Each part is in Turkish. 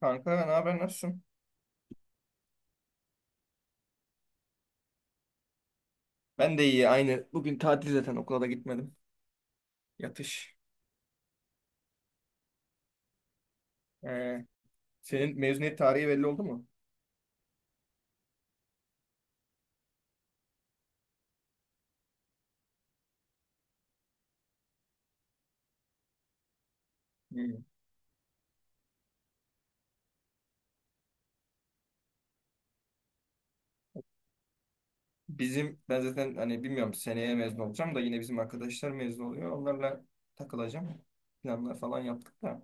Kanka ne haber nasılsın? Ben de iyi aynı. Bugün tatil zaten okula da gitmedim. Yatış. Ee, Senin mezuniyet tarihi belli oldu mu? Hmm. Bizim ben zaten hani bilmiyorum seneye mezun olacağım da yine bizim arkadaşlar mezun oluyor. Onlarla takılacağım. Planlar falan yaptık da.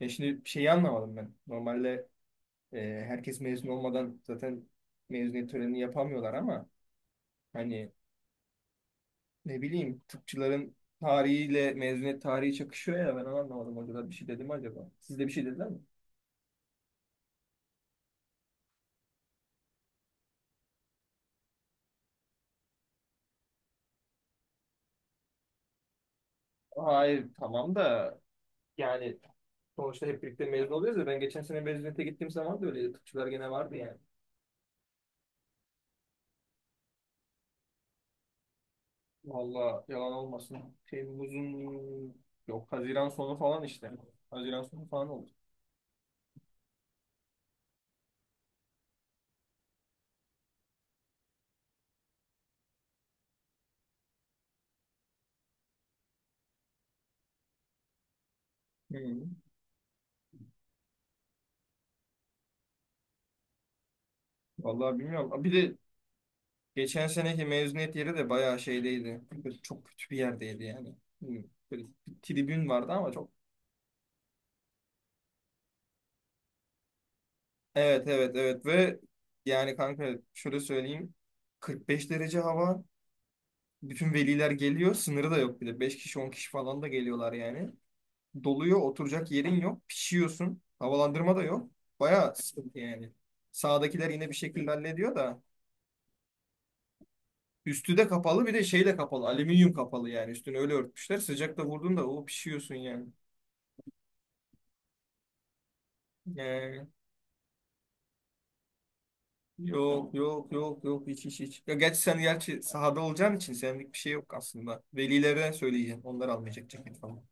Ya şimdi şeyi anlamadım ben. Normalde e, herkes mezun olmadan zaten mezuniyet törenini yapamıyorlar ama hani ne bileyim tıpçıların tarihiyle mezuniyet tarihi çakışıyor ya ben onu anlamadım. Hocalar bir şey dedi mi acaba? Siz de bir şey dediler mi? Hayır tamam da yani sonuçta hep birlikte mezun oluyoruz ya ben geçen sene mezuniyete gittiğim zaman da öyle tıpçılar gene vardı yani. Valla yalan olmasın. Temmuz'un yok, Haziran sonu falan işte. Haziran sonu falan oldu. Hı. Vallahi bilmiyorum. Bir de geçen seneki mezuniyet yeri de bayağı şeydeydi. Böyle çok kötü bir yerdeydi yani. Hı. Böyle bir tribün vardı ama çok. Evet, evet, evet, ve yani kanka şöyle söyleyeyim. 45 derece hava. Bütün veliler geliyor. Sınırı da yok bir de. 5 kişi 10 kişi falan da geliyorlar yani. Doluyor. Oturacak yerin yok. Pişiyorsun. Havalandırma da yok. Baya sıkıntı yani. Sağdakiler yine bir şekilde hallediyor da. Üstü de kapalı, bir de şeyle kapalı. Alüminyum kapalı yani. Üstünü öyle örtmüşler. Sıcakta vurdun da o pişiyorsun yani. Yani yok, yok, yok, yok, hiç, hiç, hiç. Ya gerçi sen gerçi sahada olacağın için senlik bir şey yok aslında. Velilere söyleyeceğim. Onlar almayacak ceket falan.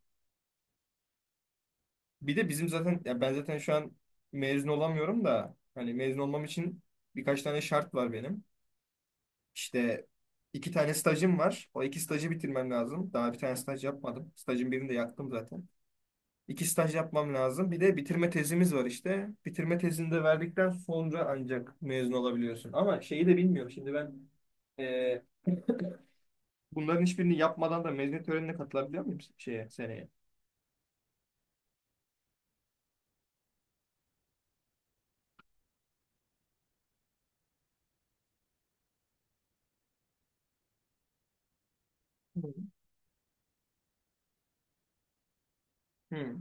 Bir de bizim zaten ya ben zaten şu an mezun olamıyorum da hani mezun olmam için birkaç tane şart var benim. İşte 2 tane stajım var. O 2 stajı bitirmem lazım. Daha bir tane staj yapmadım. Stajın birini de yaktım zaten. 2 staj yapmam lazım. Bir de bitirme tezimiz var işte. Bitirme tezini de verdikten sonra ancak mezun olabiliyorsun. Ama şeyi de bilmiyorum. Şimdi ben e, bunların hiçbirini yapmadan da mezuniyet törenine katılabiliyor muyum şeye seneye? Hı. Hı.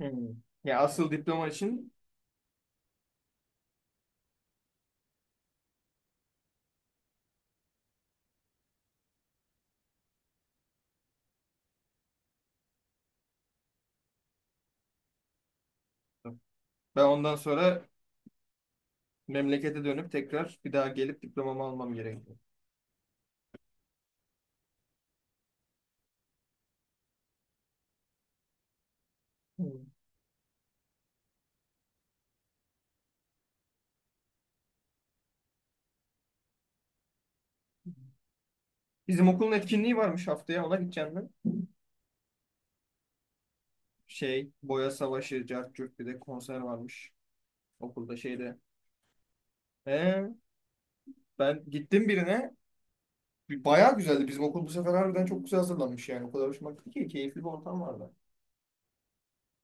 Hı. Ya asıl diploma için. Ben ondan sonra memlekete dönüp tekrar bir daha gelip diplomamı almam gerekiyor. Hmm. Bizim okulun etkinliği varmış, haftaya ona gideceğim ben. Şey, boya savaşı, cart curt, bir de konser varmış okulda şeyde. Ee, Ben gittim birine. Bayağı güzeldi. Bizim okul bu sefer harbiden çok güzel hazırlanmış yani. O kadar hoşuma gitti ki keyifli bir ortam vardı.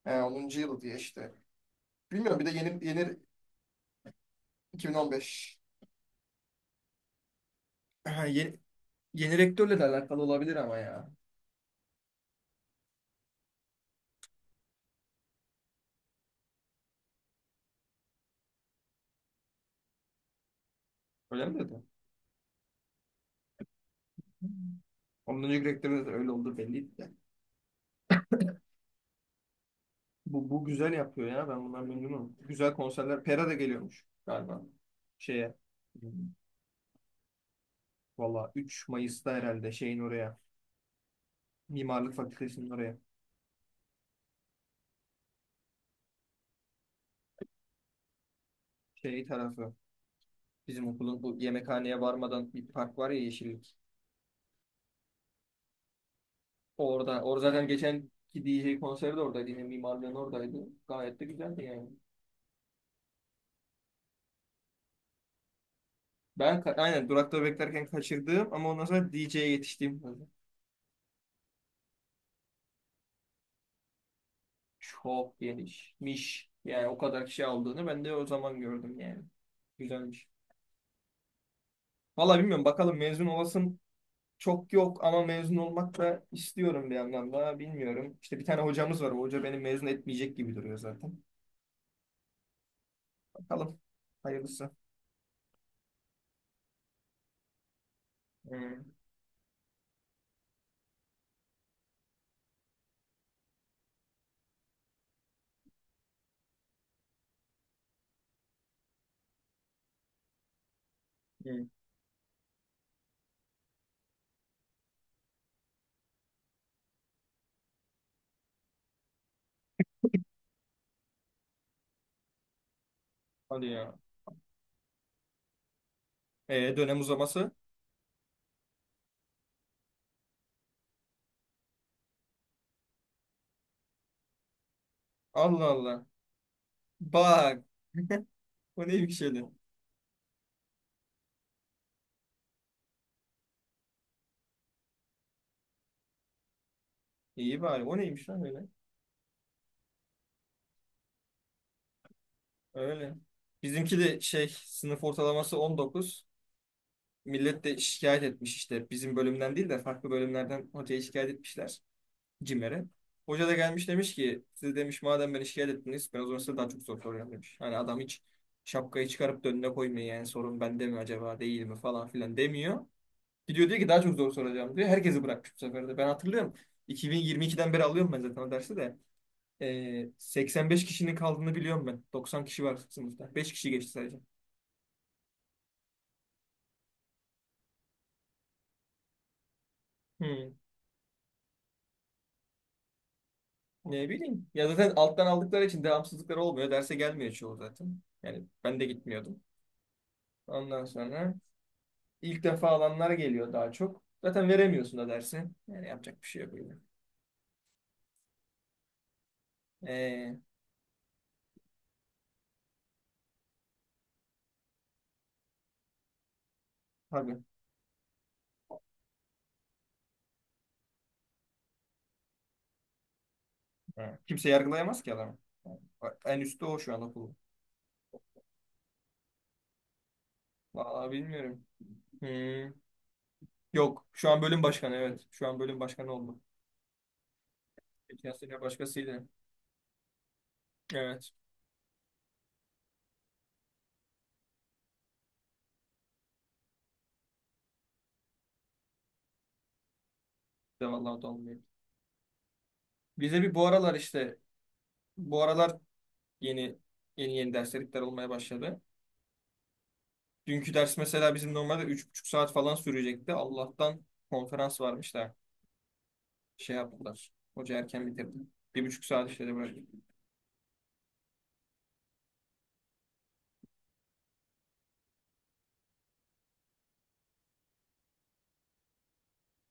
He, 10. yıl diye işte. Bilmiyorum, bir de yeni, yeni 2015. Ha, yeni, yeni rektörle de alakalı olabilir ama ya. Öyle mi dedi? Ondan önceki rektörün de öyle olduğu belliydi de. Bu güzel yapıyor ya. Ben bundan memnunum. Güzel konserler. Pera da geliyormuş galiba. Şeye. Hmm, Valla 3 Mayıs'ta herhalde şeyin oraya. Mimarlık Fakültesi'nin oraya. Şey tarafı. Bizim okulun bu yemekhaneye varmadan bir park var ya, yeşillik. Orada. Orada zaten geçen ki DJ konseri de oradaydı. Yine mimarlığın oradaydı. Gayet de güzeldi yani. Ben aynen durakta beklerken kaçırdığım ama ondan sonra DJ'ye yetiştiğim kadar. Çok genişmiş. Yani o kadar kişi aldığını ben de o zaman gördüm yani. Güzelmiş. Valla bilmiyorum bakalım, mezun olasım çok yok ama mezun olmak da istiyorum bir yandan da, bilmiyorum. İşte bir tane hocamız var. O hoca beni mezun etmeyecek gibi duruyor zaten. Bakalım. Hayırlısı. Hı, hı. Hadi ya. Dönem uzaması. Allah Allah. Bak. O neymiş öyle? İyi bari. O neymiş lan öyle? Öyle. Bizimki de şey, sınıf ortalaması 19. Millet de şikayet etmiş işte. Bizim bölümden değil de farklı bölümlerden hocaya şikayet etmişler. CİMER'e. Hoca da gelmiş, demiş ki siz demiş madem beni şikayet ettiniz ben o zaman size daha çok soru soracağım demiş. Hani adam hiç şapkayı çıkarıp da önüne koymuyor yani, sorun bende mi acaba değil mi falan filan demiyor. Gidiyor diyor ki daha çok zor soracağım diyor. Herkesi bırakmış bu sefer de. Ben hatırlıyorum. 2022'den beri alıyorum ben zaten o dersi de. 85 kişinin kaldığını biliyorum ben. 90 kişi var sınıfta. 5 kişi geçti sadece. Hmm. Ne bileyim. Ya zaten alttan aldıkları için devamsızlıkları olmuyor. Derse gelmiyor çoğu zaten. Yani ben de gitmiyordum. Ondan sonra İlk defa alanlar geliyor daha çok. Zaten veremiyorsun da dersi. Yani yapacak bir şey yok öyle. Ee, tabii. Ha. Kimse yargılayamaz ki adamı. Bak, en üstte o şu an okulu. Vallahi bilmiyorum. Hmm. Yok. Şu an bölüm başkanı evet. Şu an bölüm başkanı oldu. Geçen sene başkasıydı. Evet. Bir de vallahi dolmuyor. Bize bir bu aralar işte bu aralar yeni, yeni, yeni derslikler olmaya başladı. Dünkü ders mesela bizim normalde 3,5 saat falan sürecekti. Allah'tan konferans varmış da şey yaptılar. Hoca erken bitirdi. 1,5 saat işledi böyle.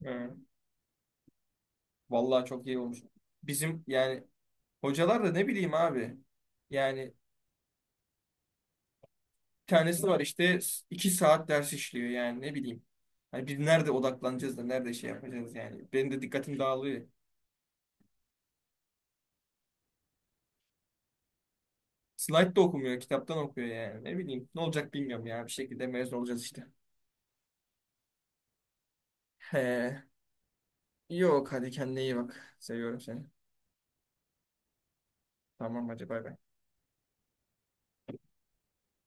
Ee, Vallahi çok iyi olmuş. Bizim yani hocalar da ne bileyim abi. Yani bir tanesi var işte 2 saat ders işliyor yani ne bileyim. Hani biz nerede odaklanacağız da nerede şey yapacağız yani. Benim de dikkatim dağılıyor. Slide de okumuyor, kitaptan okuyor yani. Ne bileyim ne olacak bilmiyorum ya. Bir şekilde mezun olacağız işte. He. Yok, hadi kendine iyi bak. Seviyorum seni. Tamam, hadi bay bay.